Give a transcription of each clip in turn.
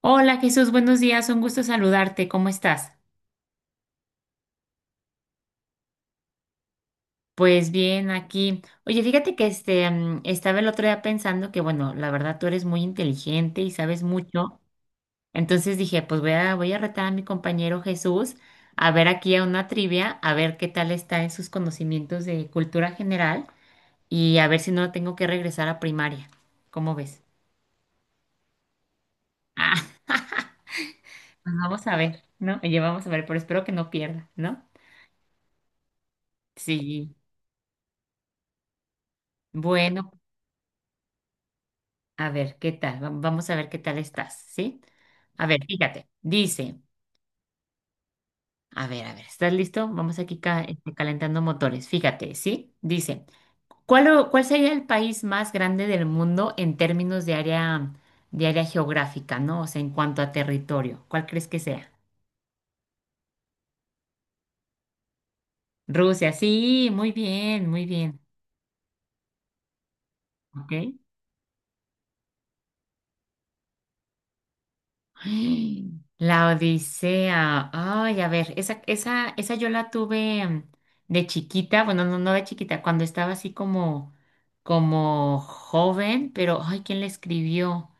Hola Jesús, buenos días, un gusto saludarte, ¿cómo estás? Pues bien, aquí. Oye, fíjate que estaba el otro día pensando que, bueno, la verdad tú eres muy inteligente y sabes mucho. Entonces dije, pues voy a retar a mi compañero Jesús a ver aquí a una trivia, a ver qué tal está en sus conocimientos de cultura general y a ver si no tengo que regresar a primaria. ¿Cómo ves? Ah, pues vamos a ver, ¿no? Oye, vamos a ver, pero espero que no pierda, ¿no? Sí. Bueno, a ver, ¿qué tal? Vamos a ver qué tal estás, ¿sí? A ver, fíjate, dice, a ver, ¿estás listo? Vamos aquí calentando motores, fíjate, ¿sí? Dice, ¿cuál sería el país más grande del mundo en términos de área geográfica, ¿no? O sea, en cuanto a territorio, ¿cuál crees que sea? Rusia, sí, muy bien, ¿ok? ¡Ay! La Odisea. Ay, a ver, esa yo la tuve de chiquita, bueno, no de chiquita, cuando estaba así como joven, pero ay, ¿quién la escribió?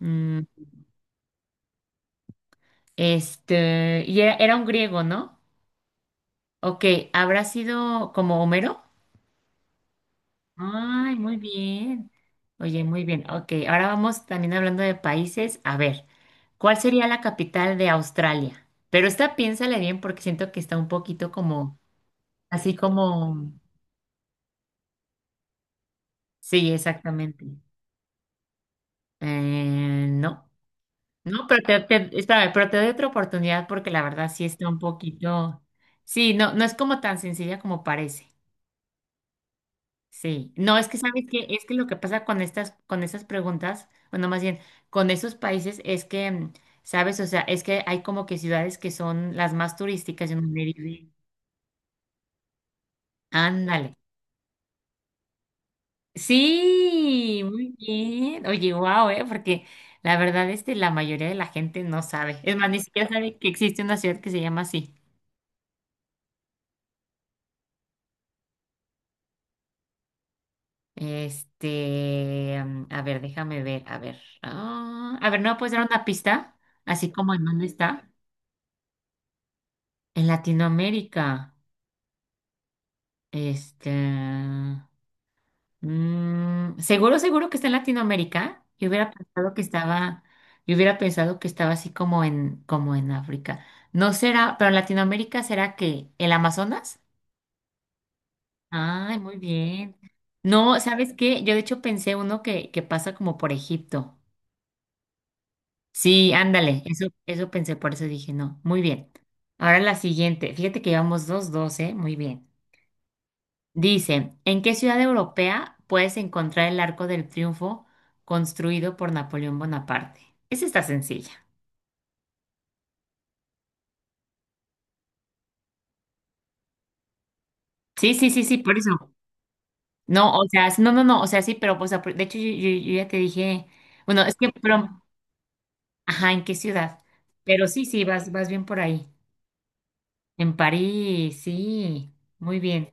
Mm, era un griego, ¿no? Ok, ¿habrá sido como Homero? Ay, muy bien. Oye, muy bien. Ok, ahora vamos también hablando de países. A ver, ¿cuál sería la capital de Australia? Pero esta piénsale bien porque siento que está un poquito como, así como, sí, exactamente. No, no, pero espérame, pero te doy otra oportunidad porque la verdad sí está un poquito, sí, no, no es como tan sencilla como parece. Sí, no, es que sabes que es que lo que pasa con estas, con esas preguntas, bueno, más bien con esos países es que, sabes, o sea, es que hay como que ciudades que son las más turísticas y no le dice, ándale. Sí, muy bien. Oye, wow, porque la verdad la mayoría de la gente no sabe. Es más, ni siquiera sabe que existe una ciudad que se llama así. A ver, déjame ver, a ver. Ah, a ver, ¿no me puedes dar una pista? Así como en dónde está. En Latinoamérica, este, seguro, seguro que está en Latinoamérica. Yo hubiera pensado que estaba así como en África. No será, pero en Latinoamérica será que el Amazonas. Ay, muy bien. No, ¿sabes qué? Yo de hecho pensé uno que pasa como por Egipto. Sí, ándale, eso pensé, por eso dije no. Muy bien. Ahora la siguiente. Fíjate que llevamos dos, dos, ¿eh? Muy bien. Dice, ¿en qué ciudad europea puedes encontrar el Arco del Triunfo construido por Napoleón Bonaparte? Esa está sencilla. Sí, sí, sí, sí, por eso. No, o sea, no, no, no, o sea, sí, pero, pues, de hecho, yo ya te dije, bueno, es que, pero, ajá, ¿en qué ciudad? Pero sí, sí, vas bien por ahí. En París, sí, muy bien.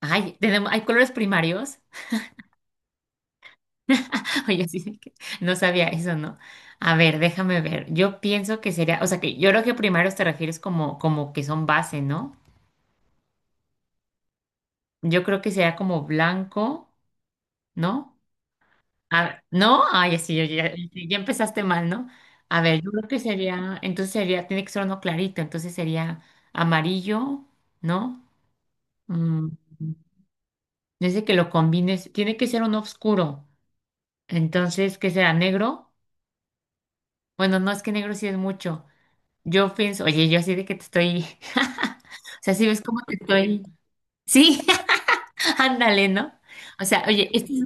Ay, tenemos, hay colores primarios. Oye, sí, de que no sabía eso, ¿no? A ver, déjame ver. Yo pienso que sería, o sea, que yo creo que primero te refieres como que son base, ¿no? Yo creo que sería como blanco, ¿no? ¿No? Ay, sí, ya- ya empezaste mal, ¿no? A ver, yo creo que sería, entonces sería, tiene que ser uno clarito, entonces sería amarillo, ¿no? Mm, Dice que lo combines, tiene que ser uno oscuro, entonces, ¿qué será? ¿Negro? Bueno, no, es que negro sí es mucho. Yo pienso, oye, yo así de que te estoy, o sea, si ves cómo te estoy, sí, ándale, ¿no? O sea, oye,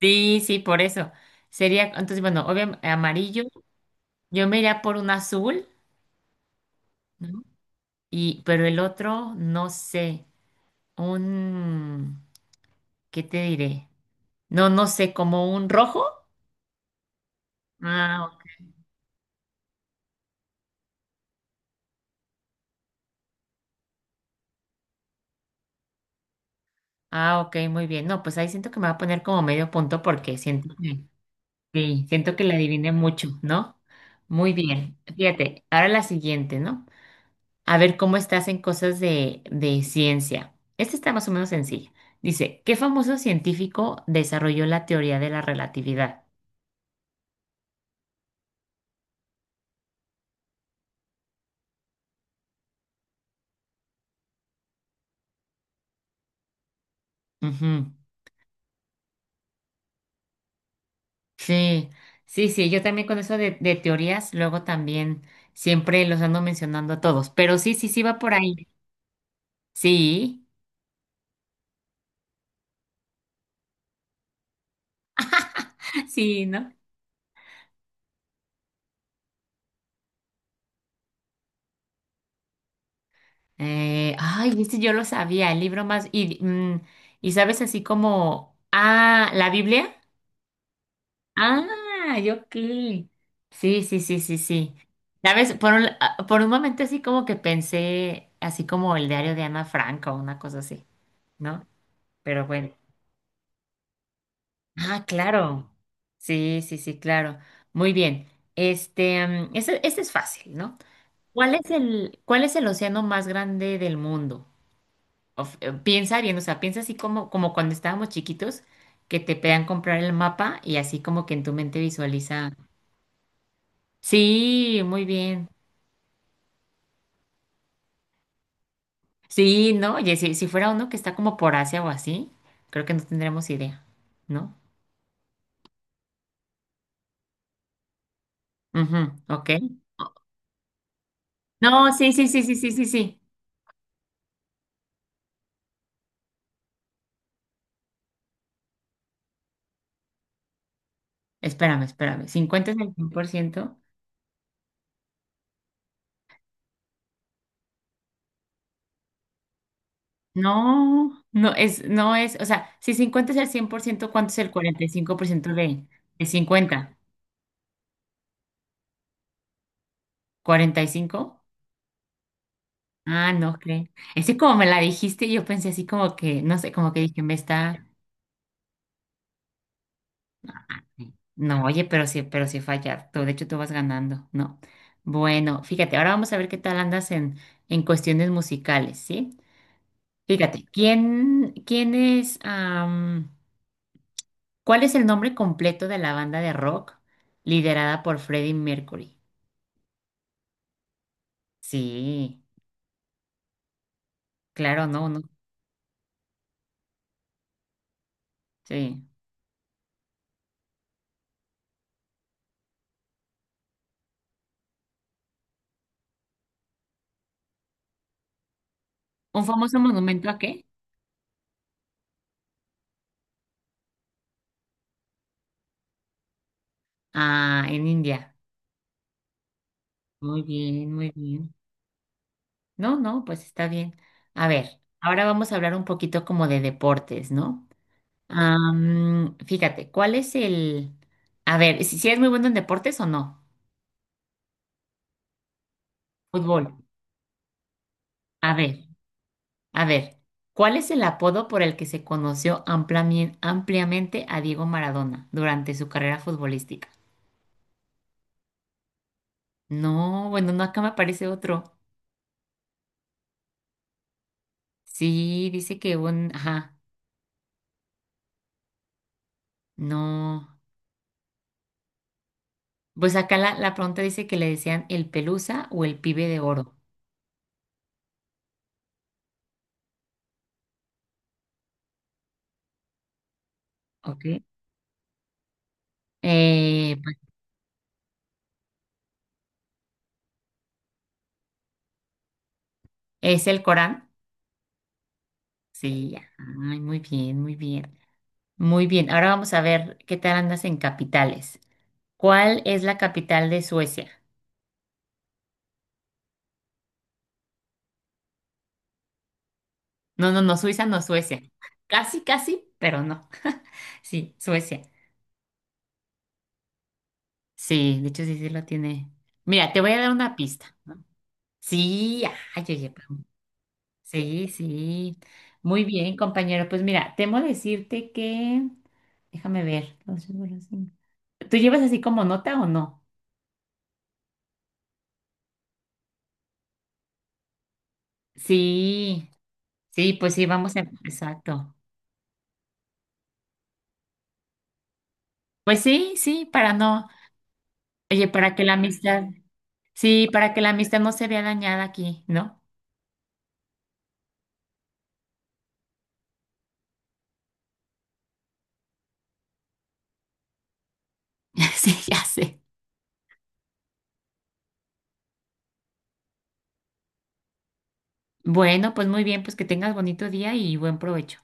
sí, sí, por eso. Sería, entonces, bueno, obviamente amarillo, yo me iría por un azul, ¿no? Y, pero el otro, no sé, un, ¿qué te diré? No, no sé, como un rojo. Ah, ok, ah, ok, muy bien. No, pues ahí siento que me va a poner como medio punto porque siento que. Sí, siento que la adiviné mucho, ¿no? Muy bien. Fíjate, ahora la siguiente, ¿no? A ver cómo estás en cosas de ciencia. Esta está más o menos sencilla. Dice, ¿qué famoso científico desarrolló la teoría de la relatividad? Ujú. Sí, sí, sí, yo también con eso de teorías, luego también siempre los ando mencionando a todos, pero sí, sí, sí va por ahí. Sí, sí, ¿no? Ay, viste, yo lo sabía, el libro más... Y sabes así como... Ah, ¿la Biblia? Ah, yo qué. Sí, sí, sí, sí, sí. ¿Sabes? Por un momento así como que pensé, así como el diario de Ana Frank o una cosa así, ¿no? Pero bueno. Ah, claro. Sí, sí, sí, claro. Muy bien. Ese es fácil, ¿no? ¿Cuál es el océano más grande del mundo? Piensa bien, o sea, piensa así como cuando estábamos chiquitos, que te pedan comprar el mapa y así como que en tu mente visualiza. Sí, muy bien. Sí, ¿no? Y si fuera uno que está como por Asia o así, creo que no tendremos idea, ¿no? Ujú, ok. No, sí, sí, sí, sí, sí, sí, sí. Espérame, espérame. 50 es el 100%. No, no es, o sea, si 50 es el cien por ciento, ¿cuánto es el 45% de 50? 45. Ah, no, creo. Ese como me la dijiste, yo pensé así como que, no sé, como que dije, me está. No, oye, pero sí fallar. Tú, de hecho, tú vas ganando, ¿no? Bueno, fíjate, ahora vamos a ver qué tal andas en cuestiones musicales, ¿sí? Fíjate, ¿Cuál es el nombre completo de la banda de rock liderada por Freddie Mercury? Sí, claro, no, no, sí. ¿Un famoso monumento a qué? Ah, en India. Muy bien, muy bien. No, no, pues está bien. A ver, ahora vamos a hablar un poquito como de deportes, ¿no? Fíjate, ¿cuál es el... A ver, si eres muy bueno en deportes o no. Fútbol. A ver, a ver, ¿cuál es el apodo por el que se conoció ampliamente a Diego Maradona durante su carrera futbolística? No, bueno, no, acá me aparece otro. Sí, dice que un... Ajá, no. Pues acá la pregunta dice que le decían el Pelusa o el Pibe de Oro. Ok. Pues, es el Corán. Sí, ay, muy bien, muy bien. Muy bien, ahora vamos a ver qué tal andas en capitales. ¿Cuál es la capital de Suecia? No, no, no, Suiza no, Suecia. Casi, casi, pero no. Sí, Suecia. Sí, de hecho sí, sí lo tiene. Mira, te voy a dar una pista. Sí, ay, oye, sí, sí. Muy bien, compañero. Pues mira, temo decirte que... Déjame ver. Dos, cinco, cinco. ¿Tú llevas así como nota o no? Sí, sí, pues sí, vamos a... Exacto. Pues sí, sí, para no... Oye, para que la amistad... Sí, para que la amistad no se vea dañada aquí, ¿no? Sí, ya sé. Bueno, pues muy bien, pues que tengas bonito día y buen provecho.